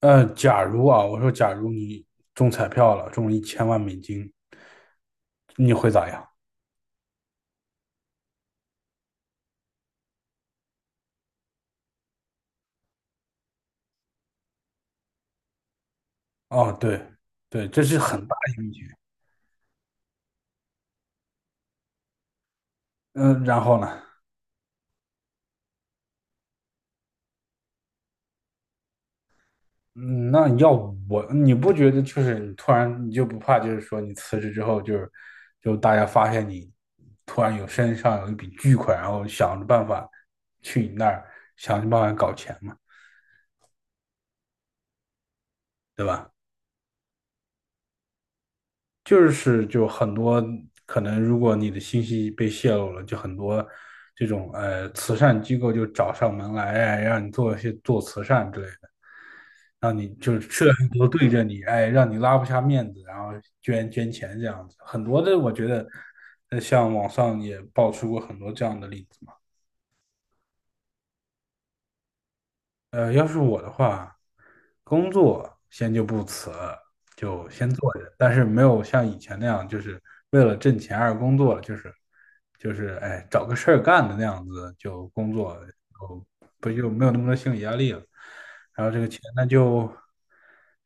假如啊，我说假如你中彩票了，中了一千万美金，你会咋样？哦，对，对，这是很大的一笔钱。嗯，然后呢？嗯，那要我，你不觉得就是你突然你就不怕，就是说你辞职之后就是，就大家发现你突然身上有一笔巨款，然后去你那儿想着办法搞钱嘛，对吧？就是很多可能，如果你的信息被泄露了，就很多这种慈善机构就找上门来，哎，让你做一些做慈善之类的，让你就是吃了很多对着你，哎，让你拉不下面子，然后捐钱这样子，很多的我觉得，像网上也爆出过很多这样的例子嘛。要是我的话，工作先就不辞，就先做着，但是没有像以前那样，就是为了挣钱而工作了，就是哎找个事儿干的那样子就工作，不就没有那么多心理压力了。然后这个钱呢，就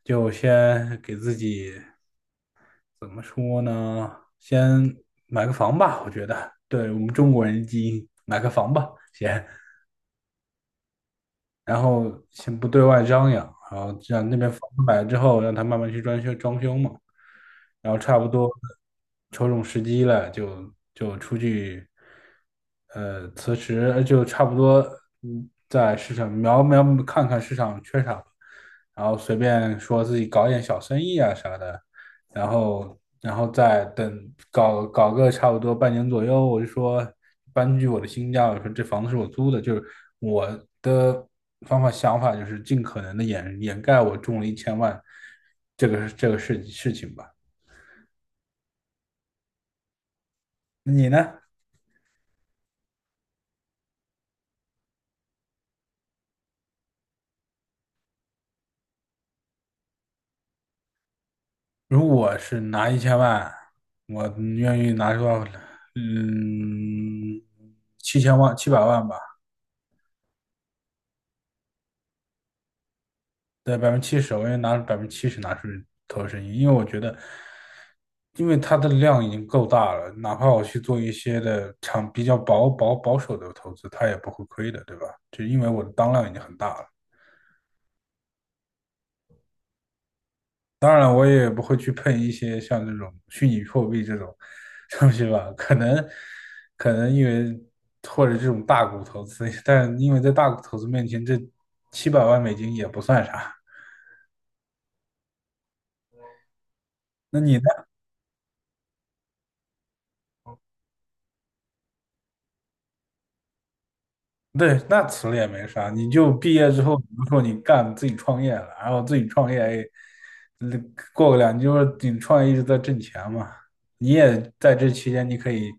就先给自己怎么说呢？先买个房吧，我觉得，对我们中国人基因，买个房吧，先。然后先不对外张扬，然后让那边房子买了之后，让他慢慢去装修装修嘛，然后差不多瞅准时机了，就出去，辞职就差不多，嗯，在市场瞄瞄看看市场缺啥，然后随便说自己搞点小生意啊啥的，然后再等搞搞个差不多半年左右，我就说搬去我的新家，我说这房子是我租的，就是我的方法想法就是尽可能的掩盖我中了一千万这个事情吧。你呢？如果是拿一千万，我愿意拿出来，嗯，七百万吧。对，百分之七十，我愿意拿百分之七十拿去投生意，因为我觉得，因为它的量已经够大了，哪怕我去做一些的长比较保守的投资，它也不会亏的，对吧？就因为我的当量已经很大了。当然我也不会去碰一些像这种虚拟货币这种 东西吧，可能因为或者这种大股投资，但因为在大股投资面前，这700万美金也不算啥。那你呢？对，那辞了也没啥，你就毕业之后，比如说你干自己创业了，然后自己创业，嗯过个两，就是你创业一直在挣钱嘛，你也在这期间你可以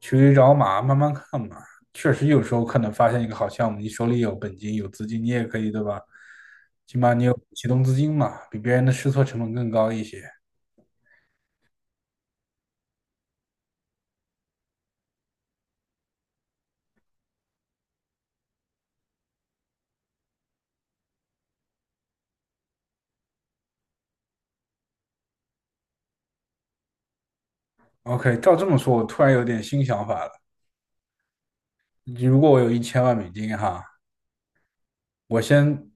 去驴找马，慢慢看嘛。确实有时候可能发现一个好项目，你手里有本金有资金，你也可以对吧？起码你有启动资金嘛，比别人的试错成本更高一些。OK，照这么说，我突然有点新想法了。如果我有一千万美金哈，我先，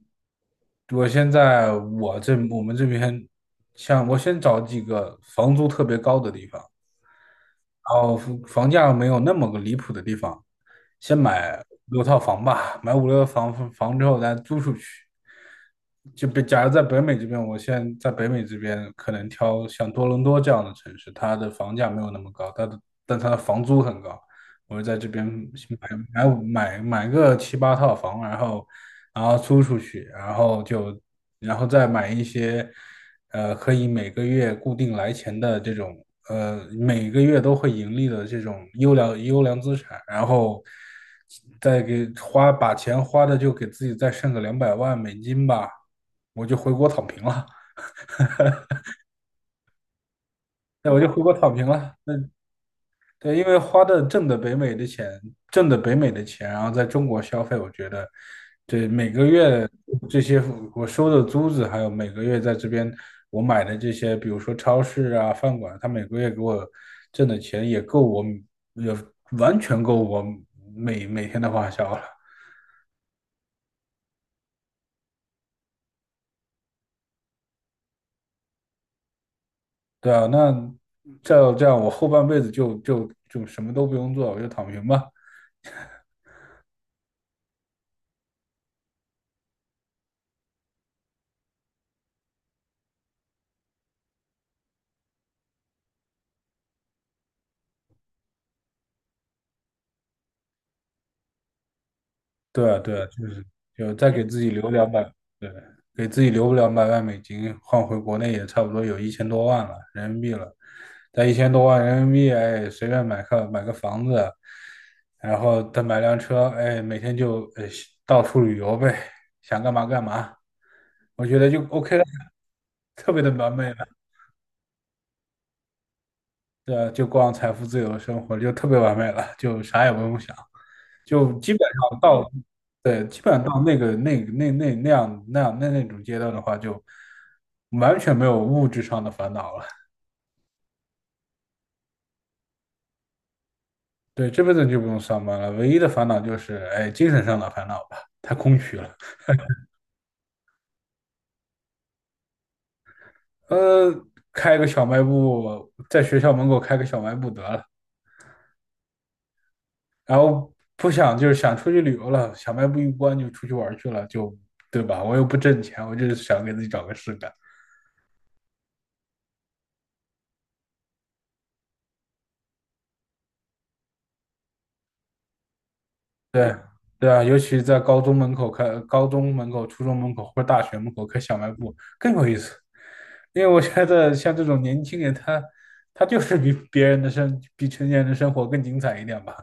我先在我们这边，像我先找几个房租特别高的地方，然后房价没有那么个离谱的地方，先买五六套房吧，买五六套房之后咱租出去。就比假如在北美这边，我现在在北美这边可能挑像多伦多这样的城市，它的房价没有那么高，它的但它的房租很高。我就在这边买个七八套房，然后租出去，然后再买一些。可以每个月固定来钱的这种，每个月都会盈利的这种优良资产，然后再给花，把钱花的就给自己再剩个两百万美金吧，我就回国躺平了，那我就回国躺平了。对，因为花的挣的北美的钱，挣的北美的钱，然后在中国消费，我觉得，对，每个月这些我收的租子，还有每个月在这边我买的这些，比如说超市啊、饭馆，他每个月给我挣的钱也够我，也完全够我每天的花销了。对啊，那这样这样，我后半辈子就什么都不用做，我就躺平吧。对啊，对啊，就是再给自己留两百，对，给自己留两百万美金，换回国内也差不多有一千多万了人民币了。但1000多万人民币，哎，随便买个房子，然后再买辆车，哎，每天就到处旅游呗，想干嘛干嘛，我觉得就 OK 了，特别的完美了。对啊，就过上财富自由的生活，就特别完美了，就啥也不用想，就基本上到。对，基本上到那个那那那那样那样那那种阶段的话，就完全没有物质上的烦恼了。对，这辈子就不用上班了，唯一的烦恼就是，哎，精神上的烦恼吧，太空虚了。呃，开个小卖部，在学校门口开个小卖部得了，然后不想就是想出去旅游了，小卖部一关就出去玩去了，就对吧？我又不挣钱，我就是想给自己找个事干。对对啊，尤其在高中门口开、高中门口、初中门口或者大学门口开小卖部更有意思，因为我觉得像这种年轻人他，他就是比别人的生、比成年人的生活更精彩一点吧，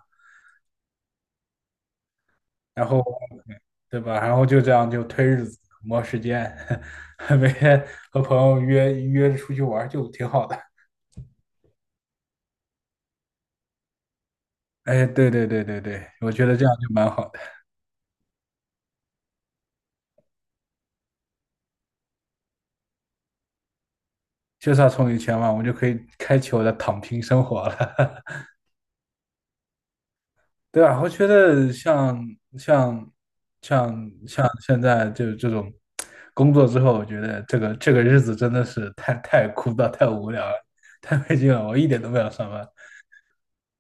然后对吧？然后就这样就推日子、磨时间，每天和朋友约约着出去玩儿就挺好的。哎，对对对对对，我觉得这样就蛮好的，就算充一千万，我就可以开启我的躺平生活了。对啊，我觉得像像现在就这种工作之后，我觉得这个这个日子真的是太枯燥、太无聊了，太没劲了，我一点都不想上班。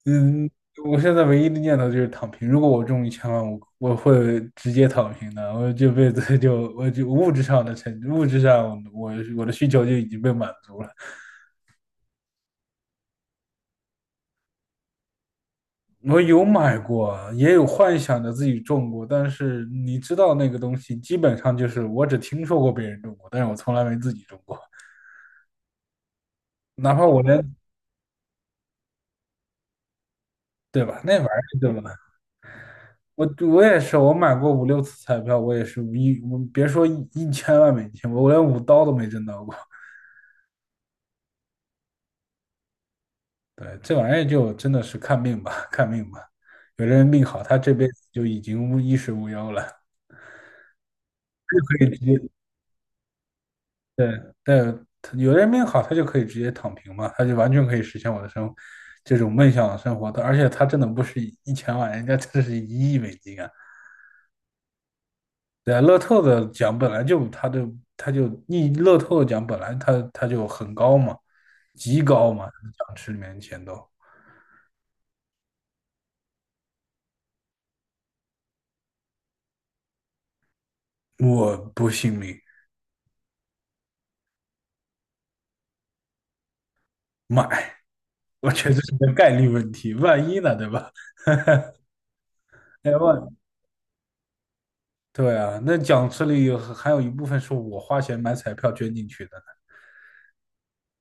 嗯，我现在唯一的念头就是躺平。如果我中一千万，我会直接躺平的。我这辈子就我就物质上的成物质上我的需求就已经被满足了。我有买过，也有幻想着自己种过，但是你知道那个东西，基本上就是我只听说过别人种过，但是我从来没自己种过。哪怕我连，对吧？那玩意儿，对吧？我也是，我买过五六次彩票，我别说一千万美金，我连5刀都没挣到过。对，这玩意儿就真的是看命吧，看命吧。有的人命好，他这辈子就已经无衣食无忧了，可以直接对，但他有的人命好，他就可以直接躺平嘛，他就完全可以实现我的生这种梦想的生活的，而且他真的不是一千万，人家的是1亿美金啊！对啊，乐透的奖本来就他就他就你乐透的奖本来他就很高嘛，极高嘛，奖池里面的钱都，我不信命。买，我觉得这是个概率问题，万一呢，对吧？哎，对啊，那奖池里有还有一部分是我花钱买彩票捐进去的。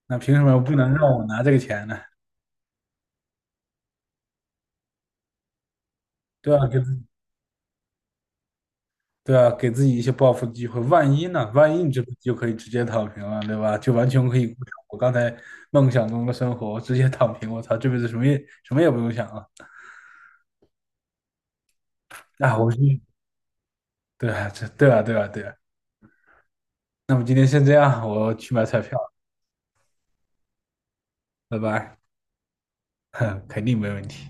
那凭什么不能让我拿这个钱呢？对啊，对啊，给自己一些报复的机会。万一呢？万一你这不就可以直接躺平了，对吧？就完全可以过上我刚才梦想中的生活，我直接躺平。我操，这辈子什么也什么也不用想了。啊，对啊，这对啊，对啊，对啊。那么今天先这样，我去买彩票了。拜拜。哼，肯定没问题。